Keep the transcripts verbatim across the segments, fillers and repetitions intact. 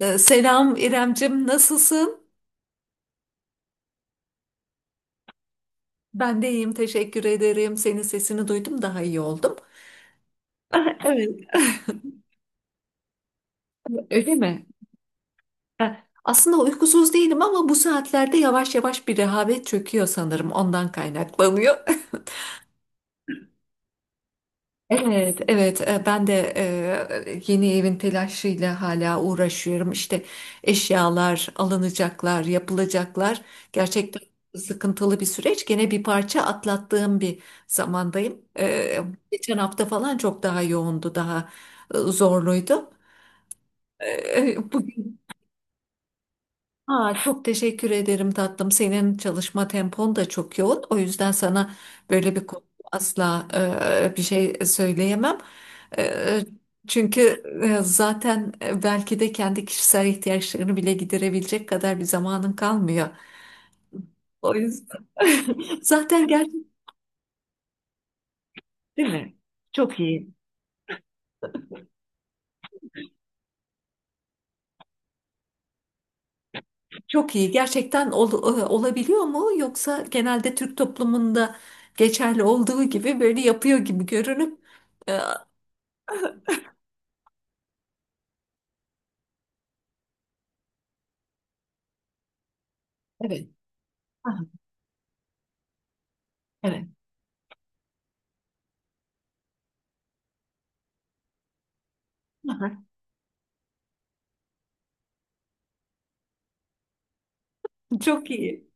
Ee, Selam İremcim, nasılsın? Ben de iyiyim, teşekkür ederim. Senin sesini duydum, daha iyi oldum. Ah, evet, öyle mi? Ha, aslında uykusuz değilim ama bu saatlerde yavaş yavaş bir rehavet çöküyor sanırım. Ondan kaynaklanıyor. Evet, evet. E, Ben de e, yeni evin telaşıyla hala uğraşıyorum. İşte eşyalar alınacaklar, yapılacaklar. Gerçekten sıkıntılı bir süreç. Gene bir parça atlattığım bir zamandayım. E, Geçen hafta falan çok daha yoğundu, daha e, zorluydu. E, Bugün. Aa, çok teşekkür ederim tatlım. Senin çalışma tempon da çok yoğun. O yüzden sana böyle bir konu asla e, bir şey söyleyemem. E, Çünkü e, zaten e, belki de kendi kişisel ihtiyaçlarını bile giderebilecek kadar bir zamanın kalmıyor. O yüzden zaten gerçek, değil mi? Çok iyi. Çok iyi. Gerçekten ol- e, olabiliyor mu? Yoksa genelde Türk toplumunda geçerli olduğu gibi böyle yapıyor gibi görünüp e, evet. Evet. Aha. Çok iyi.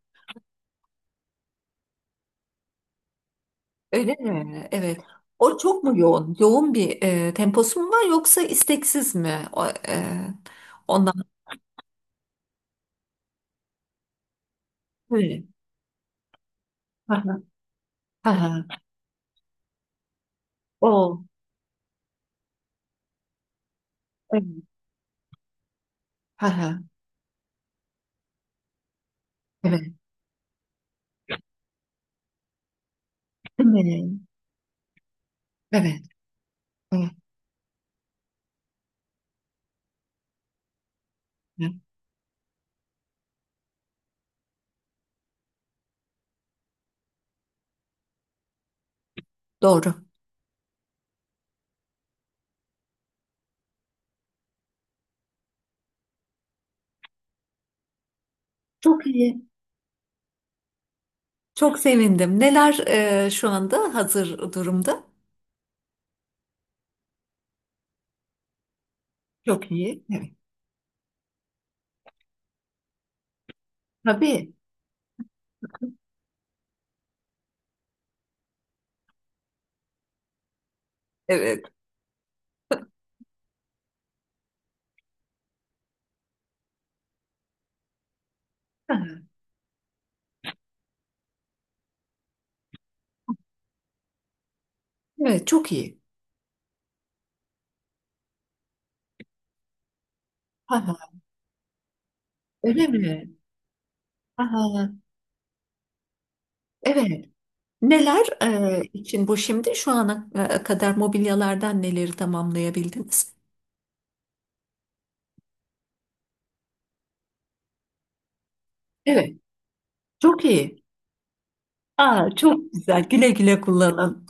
Öyle mi? Evet. O çok mu yoğun? Yoğun bir e, temposu mu var yoksa isteksiz mi? O, e, ondan. Öyle. Aha. Aha. O. Evet. Aha. Evet. Değil mi? Evet. Evet. Evet. Doğru. Çok iyi. Çok sevindim. Neler e, şu anda hazır durumda? Çok iyi. Evet. Tabii. Evet. Aha. Evet, çok iyi. Aha. Öyle mi? Aha. Evet. Neler e, için bu şimdi? Şu ana e, kadar mobilyalardan neleri tamamlayabildiniz? Evet, çok iyi. Aa, çok güzel. Güle güle kullanın.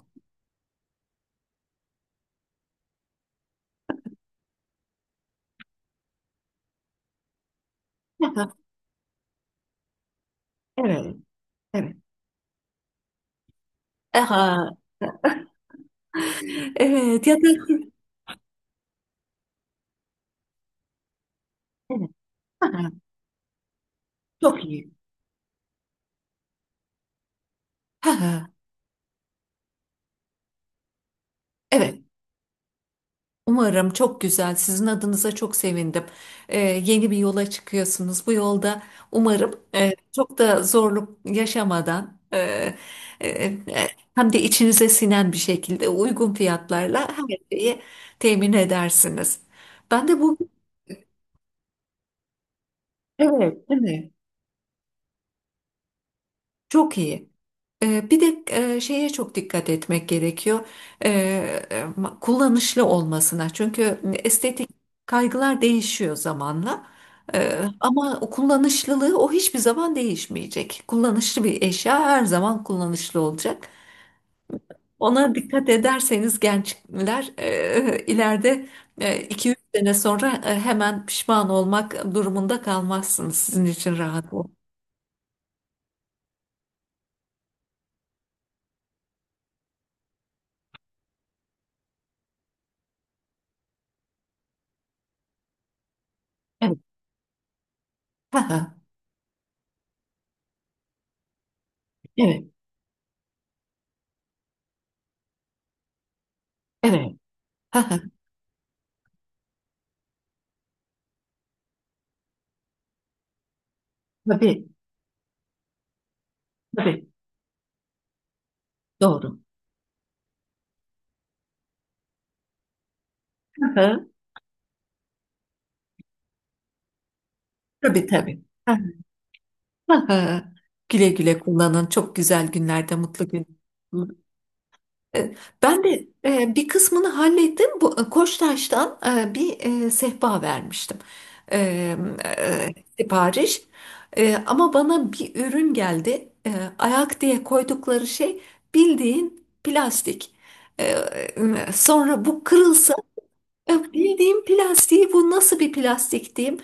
Aha, evet, evet. Aha, evet ya da evet. Aha, çok iyi. Aha, evet. Umarım çok güzel. Sizin adınıza çok sevindim. Ee, yeni bir yola çıkıyorsunuz. Bu yolda umarım e, çok da zorluk yaşamadan, e, e, e, hem de içinize sinen bir şekilde uygun fiyatlarla her şeyi temin edersiniz. Ben de bu, evet, evet. Çok iyi. Ee, bir de e, şeye çok dikkat etmek gerekiyor. Ee, e, ma- Kullanışlı olmasına. Çünkü estetik kaygılar değişiyor zamanla. Ee, ama o kullanışlılığı o hiçbir zaman değişmeyecek. Kullanışlı bir eşya her zaman kullanışlı olacak. Ona dikkat ederseniz gençler, e, ileride iki üç sene sonra e, hemen pişman olmak durumunda kalmazsınız. Sizin için rahat ol. Evet. Evet. Evet. Evet. Tabii, tabii. Doğru. Hı hı. Tabii, tabii. Hı hı. Hı hı. Güle güle kullanın. Çok güzel günlerde, mutlu gün. E, Ben de e, bir kısmını hallettim. Bu, e, Koçtaş'tan e, bir e, sehpa vermiştim. E, e, Sipariş. E, ama bana bir ürün geldi. E, ayak diye koydukları şey bildiğin plastik. E, e, sonra bu kırılsa. Ya, bildiğim plastiği, bu nasıl bir plastik diyeyim?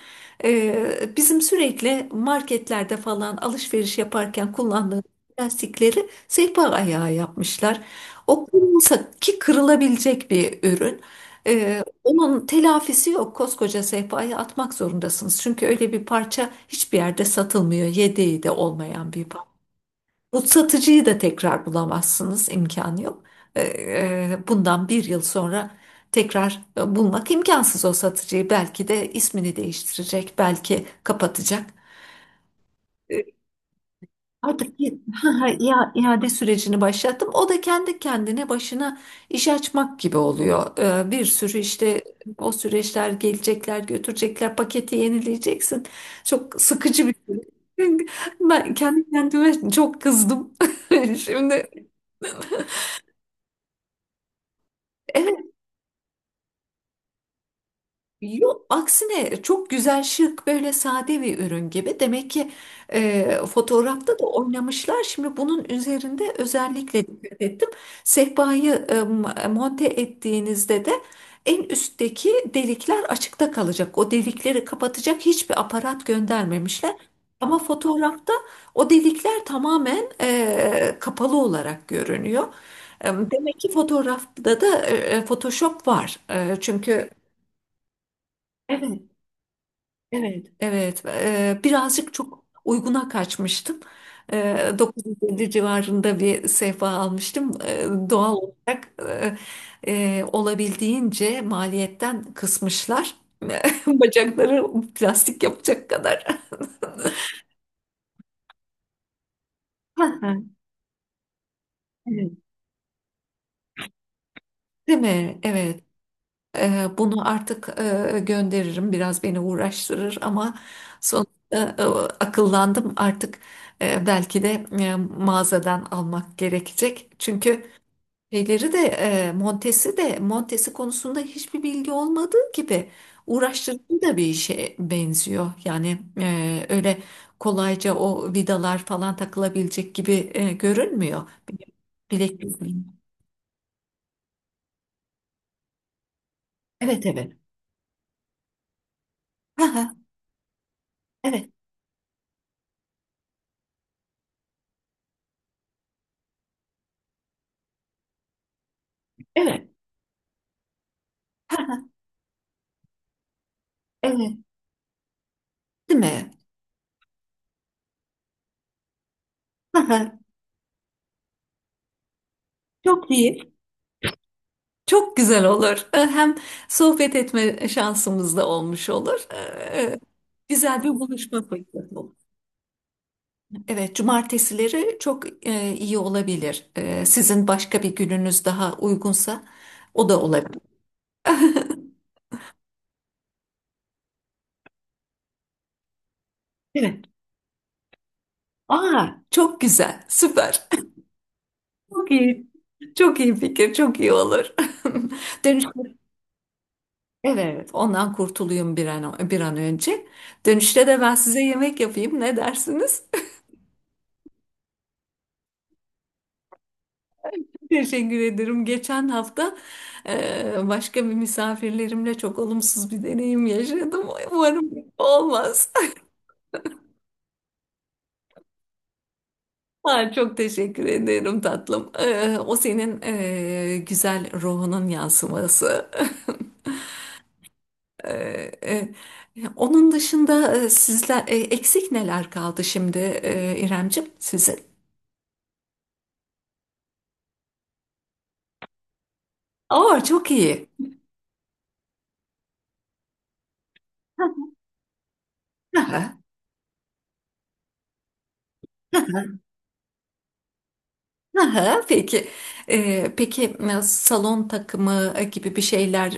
Ee, bizim sürekli marketlerde falan alışveriş yaparken kullandığımız plastikleri sehpa ayağı yapmışlar. O kırılsa ki kırılabilecek bir ürün. Ee, onun telafisi yok. Koskoca sehpayı atmak zorundasınız. Çünkü öyle bir parça hiçbir yerde satılmıyor. Yedeği de olmayan bir parça. Bu satıcıyı da tekrar bulamazsınız, imkanı yok. Ee, e, Bundan bir yıl sonra tekrar e, bulmak imkansız o satıcıyı. Belki de ismini değiştirecek, belki kapatacak. Ee, Artık i- Ya, iade sürecini başlattım. O da kendi kendine başına iş açmak gibi oluyor. Ee, bir sürü işte o süreçler, gelecekler, götürecekler, paketi yenileyeceksin. Çok sıkıcı bir süreç. Ben kendi kendime çok kızdım. Şimdi, evet. Yok, aksine çok güzel, şık, böyle sade bir ürün gibi. Demek ki e, fotoğrafta da oynamışlar. Şimdi bunun üzerinde özellikle dikkat ettim. Sehpayı e, m- monte ettiğinizde de en üstteki delikler açıkta kalacak. O delikleri kapatacak hiçbir aparat göndermemişler. Ama fotoğrafta o delikler tamamen e, kapalı olarak görünüyor. E, Demek ki fotoğrafta da e, Photoshop var. E, çünkü Evet. Evet, evet. Eee, birazcık çok uyguna kaçmıştım. Eee dokuz yüz elli civarında bir sehpa almıştım. Eee, doğal olarak eee, eee, olabildiğince maliyetten kısmışlar. Bacakları plastik yapacak kadar. Hı hı, evet. Değil mi? Evet. Eee, Bunu artık eee, gönderirim. Biraz beni uğraştırır ama sonuçta, eee, akıllandım. Artık eee, belki de eee, mağazadan almak gerekecek. Çünkü şeyleri de, eee, Montesi de Montesi konusunda hiçbir bilgi olmadığı gibi uğraştırıcı da bir işe benziyor. Yani eee, öyle kolayca o vidalar falan takılabilecek gibi eee, görünmüyor. Bilek bilekliğim. Evet, evet. Ha, ha, evet. Evet. Ha, ha, evet. Değil mi? Hı hı. Çok iyi. Çok güzel olur. Ee, Hem sohbet etme şansımız da olmuş olur. Ee, Güzel bir buluşma fırsatı olur. Evet, cumartesileri çok e, iyi olabilir. Ee, Sizin başka bir gününüz daha uygunsa o da olabilir. Evet. Aa, çok güzel, süper. Çok iyi. Çok iyi fikir, çok iyi olur. Dönüş, evet, ondan kurtulayım bir an, bir an önce. Dönüşte de ben size yemek yapayım. Ne dersiniz? Teşekkür ederim. Geçen hafta e, başka bir misafirlerimle çok olumsuz bir deneyim yaşadım. Umarım olmaz. Ha, çok teşekkür ederim tatlım. E, o senin e, güzel ruhunun yansıması. E, e, Onun dışında e, sizler e, eksik neler kaldı şimdi, e, İremcim, sizin? Aa, çok iyi. Aha. Aha, peki. Ee, peki, e, salon takımı gibi bir şeyler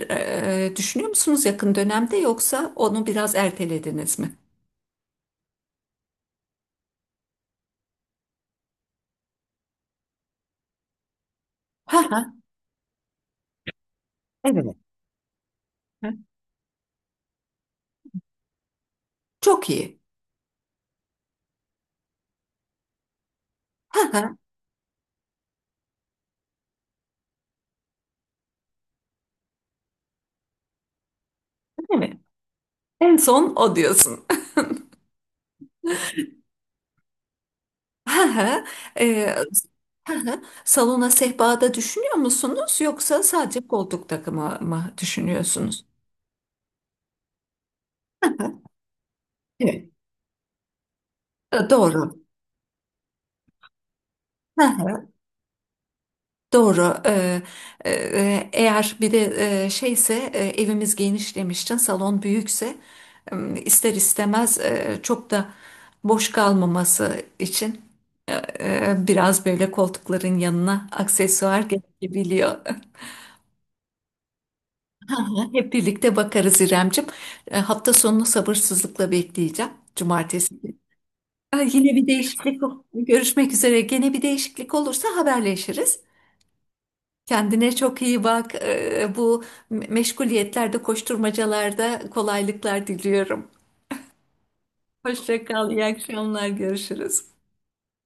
e, düşünüyor musunuz yakın dönemde yoksa onu biraz ertelediniz mi? Ha, evet. Hı. Çok iyi. Ha, aha, evet. En son o diyorsun. Ha, e, aha. Salona sehpada düşünüyor musunuz yoksa sadece koltuk takımı mı düşünüyorsunuz? Evet. E, Doğru. Doğru. Ee, e, eğer bir de e, şeyse, e, evimiz geniş demiştin, salon büyükse e, ister istemez e, çok da boş kalmaması için e, e, biraz böyle koltukların yanına aksesuar gerekebiliyor. Hı hı, hep birlikte bakarız İremcim. E, Hafta sonunu sabırsızlıkla bekleyeceğim. Cumartesi. E, Yine bir değişiklik ol- Görüşmek üzere. Gene bir değişiklik olursa haberleşiriz. Kendine çok iyi bak. Ee, Bu me- meşguliyetlerde, koşturmacalarda kolaylıklar diliyorum. Hoşça kal, iyi akşamlar, görüşürüz.